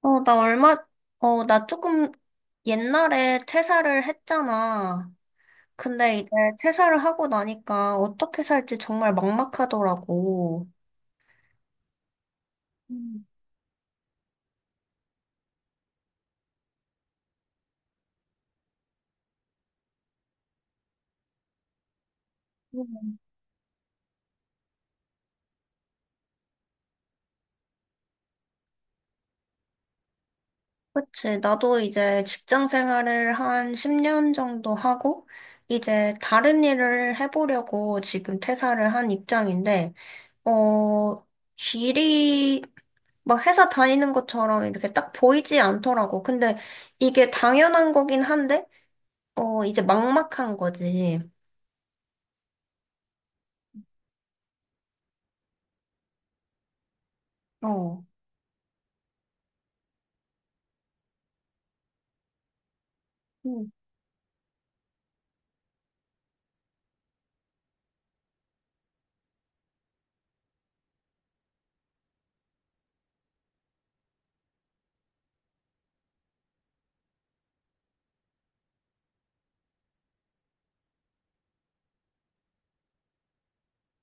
어, 나 얼마, 나 조금 옛날에 퇴사를 했잖아. 근데 이제 퇴사를 하고 나니까 어떻게 살지 정말 막막하더라고. 음. 음. 그치. 나도 이제 직장 생활을 한 10년 정도 하고, 이제 다른 일을 해보려고 지금 퇴사를 한 입장인데, 어, 길이 막 회사 다니는 것처럼 이렇게 딱 보이지 않더라고. 근데 이게 당연한 거긴 한데, 이제 막막한 거지. 어. 응.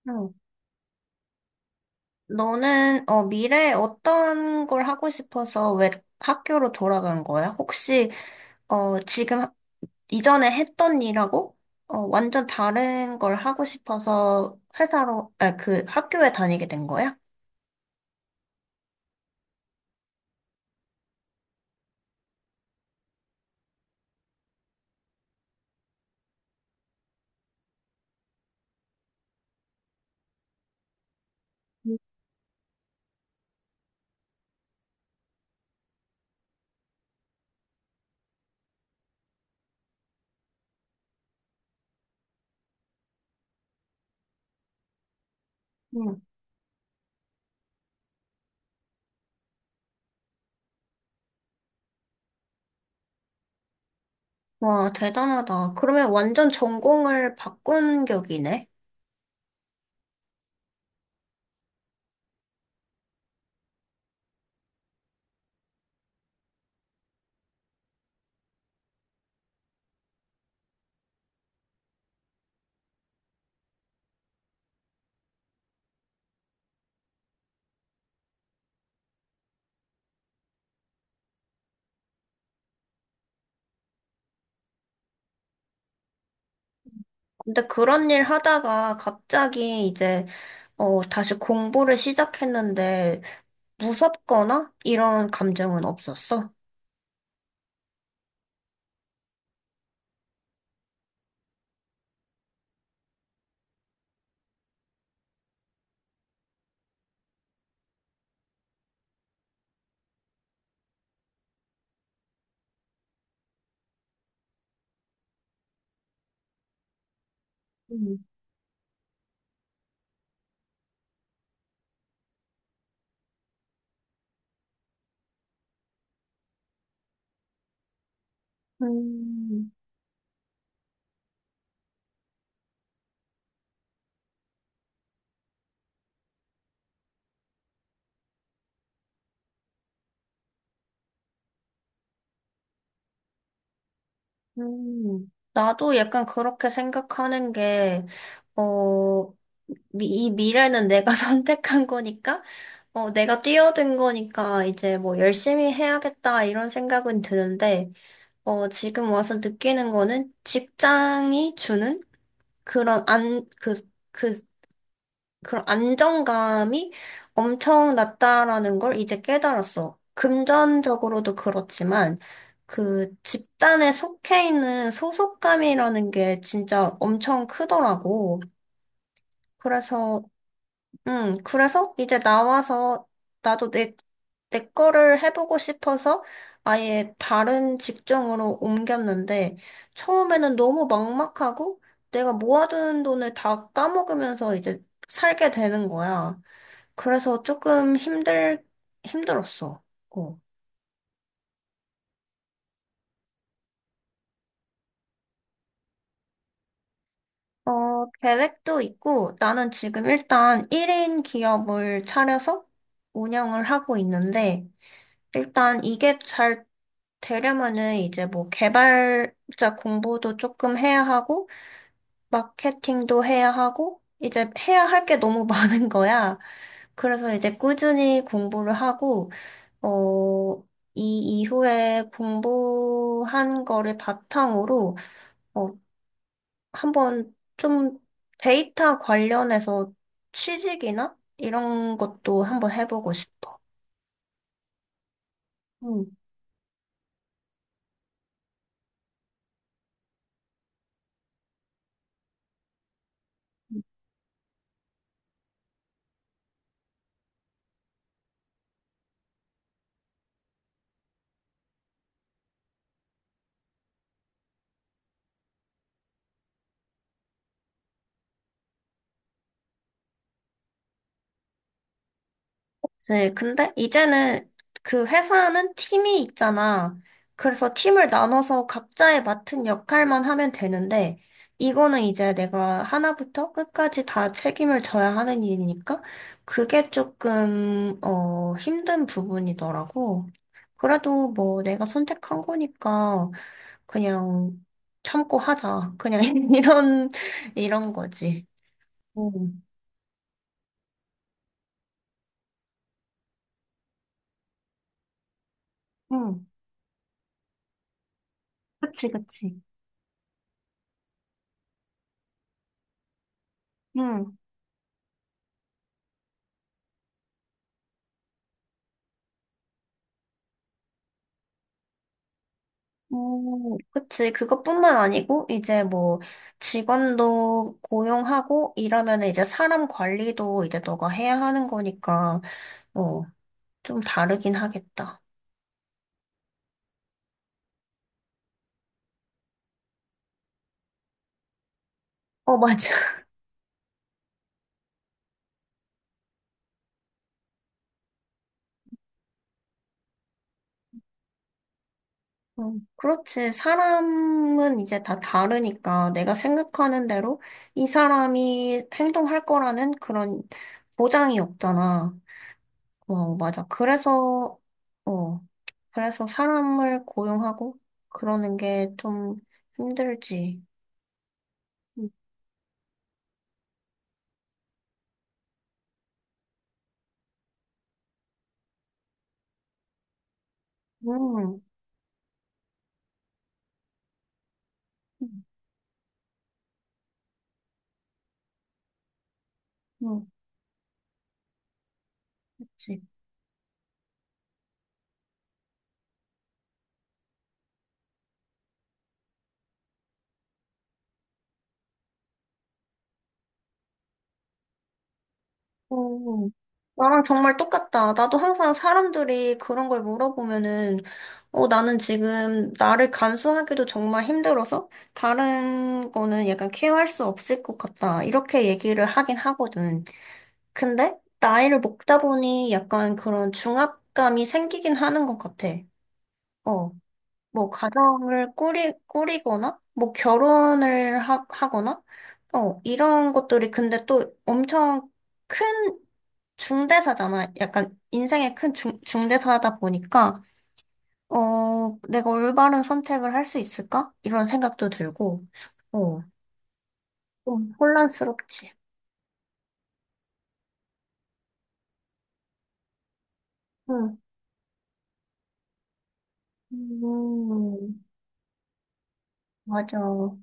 응. 너는 미래에 어떤 걸 하고 싶어서 왜 학교로 돌아간 거야? 혹시 어, 지금 하- 이전에 했던 일하고 완전 다른 걸 하고 싶어서 아, 그 학교에 다니게 된 거야? 응. 와, 대단하다. 그러면 완전 전공을 바꾼 격이네. 근데 그런 일 하다가 갑자기 이제, 다시 공부를 시작했는데, 무섭거나 이런 감정은 없었어? 음, 음, 나도 약간 그렇게 생각하는 게, 어, 이 미래는 내가 선택한 거니까, 내가 뛰어든 거니까 이제 뭐 열심히 해야겠다 이런 생각은 드는데, 지금 와서 느끼는 거는 직장이 주는 그런 안, 그, 그 그런 안정감이 엄청 낮다라는 걸 이제 깨달았어. 금전적으로도 그렇지만, 그 집단에 속해 있는 소속감이라는 게 진짜 엄청 크더라고. 그래서, 그래서 이제 나와서 나도 내 거를 해보고 싶어서 아예 다른 직종으로 옮겼는데, 처음에는 너무 막막하고, 내가 모아둔 돈을 다 까먹으면서 이제 살게 되는 거야. 그래서 조금 힘들었어. 어. 계획도 있고, 나는 지금 일단 1인 기업을 차려서 운영을 하고 있는데, 일단 이게 잘 되려면은 이제 뭐 개발자 공부도 조금 해야 하고, 마케팅도 해야 하고, 이제 해야 할 게 너무 많은 거야. 그래서 이제 꾸준히 공부를 하고, 어, 이 이후에 공부한 거를 바탕으로, 어, 한번 좀 데이터 관련해서 취직이나 이런 것도 한번 해보고 싶어. 응. 네, 근데 이제는 그 회사는 팀이 있잖아. 그래서 팀을 나눠서 각자의 맡은 역할만 하면 되는데, 이거는 이제 내가 하나부터 끝까지 다 책임을 져야 하는 일이니까, 그게 조금, 힘든 부분이더라고. 그래도 뭐 내가 선택한 거니까, 그냥 참고 하자. 그냥 이런, 이런 거지. 응. 응. 그치, 그치. 응. 그치. 그것뿐만 아니고, 이제 뭐, 직원도 고용하고, 이러면 이제 사람 관리도 이제 너가 해야 하는 거니까, 어, 좀 다르긴 하겠다. 어, 맞아. 어, 그렇지. 사람은 이제 다 다르니까, 내가 생각하는 대로 이 사람이 행동할 거라는 그런 보장이 없잖아. 어, 맞아. 어, 그래서 사람을 고용하고, 그러는 게 좀 힘들지. 음. 음. 음. 그치. 오, 나랑 정말 똑같다. 나도 항상 사람들이 그런 걸 물어보면은, 나는 지금 나를 간수하기도 정말 힘들어서 다른 거는 약간 케어할 수 없을 것 같다. 이렇게 얘기를 하긴 하거든. 근데 나이를 먹다 보니 약간 그런 중압감이 생기긴 하는 것 같아. 어. 뭐 가정을 꾸리거나 뭐 결혼을 하거나 이런 것들이 근데 또 엄청 큰 중대사잖아. 약간 인생의 큰 중대사다 보니까 내가 올바른 선택을 할 수 있을까? 이런 생각도 들고 어 좀 혼란스럽지. 응. 음, 맞아. 어,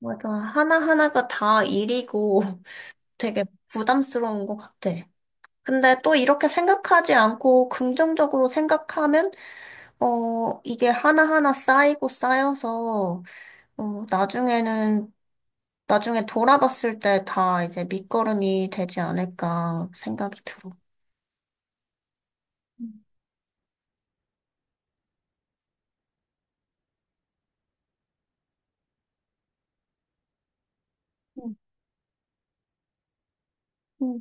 맞아. 하나하나가 다 일이고 되게 부담스러운 것 같아. 근데 또 이렇게 생각하지 않고 긍정적으로 생각하면, 이게 하나하나 쌓이고 쌓여서, 어, 나중에는, 나중에 돌아봤을 때 다 이제 밑거름이 되지 않을까 생각이 들어. 음. 음. 음.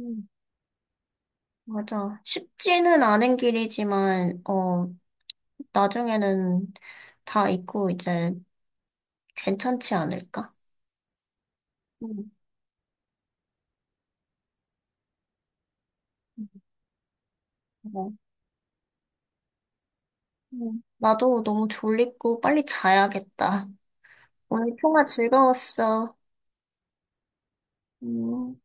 음. 맞아. 쉽지는 않은 길이지만, 나중에는 다 있고 이제 괜찮지 않을까? 음, 음, 어, 나도 너무 졸립고 빨리 자야겠다. 오늘 통화 즐거웠어. 음.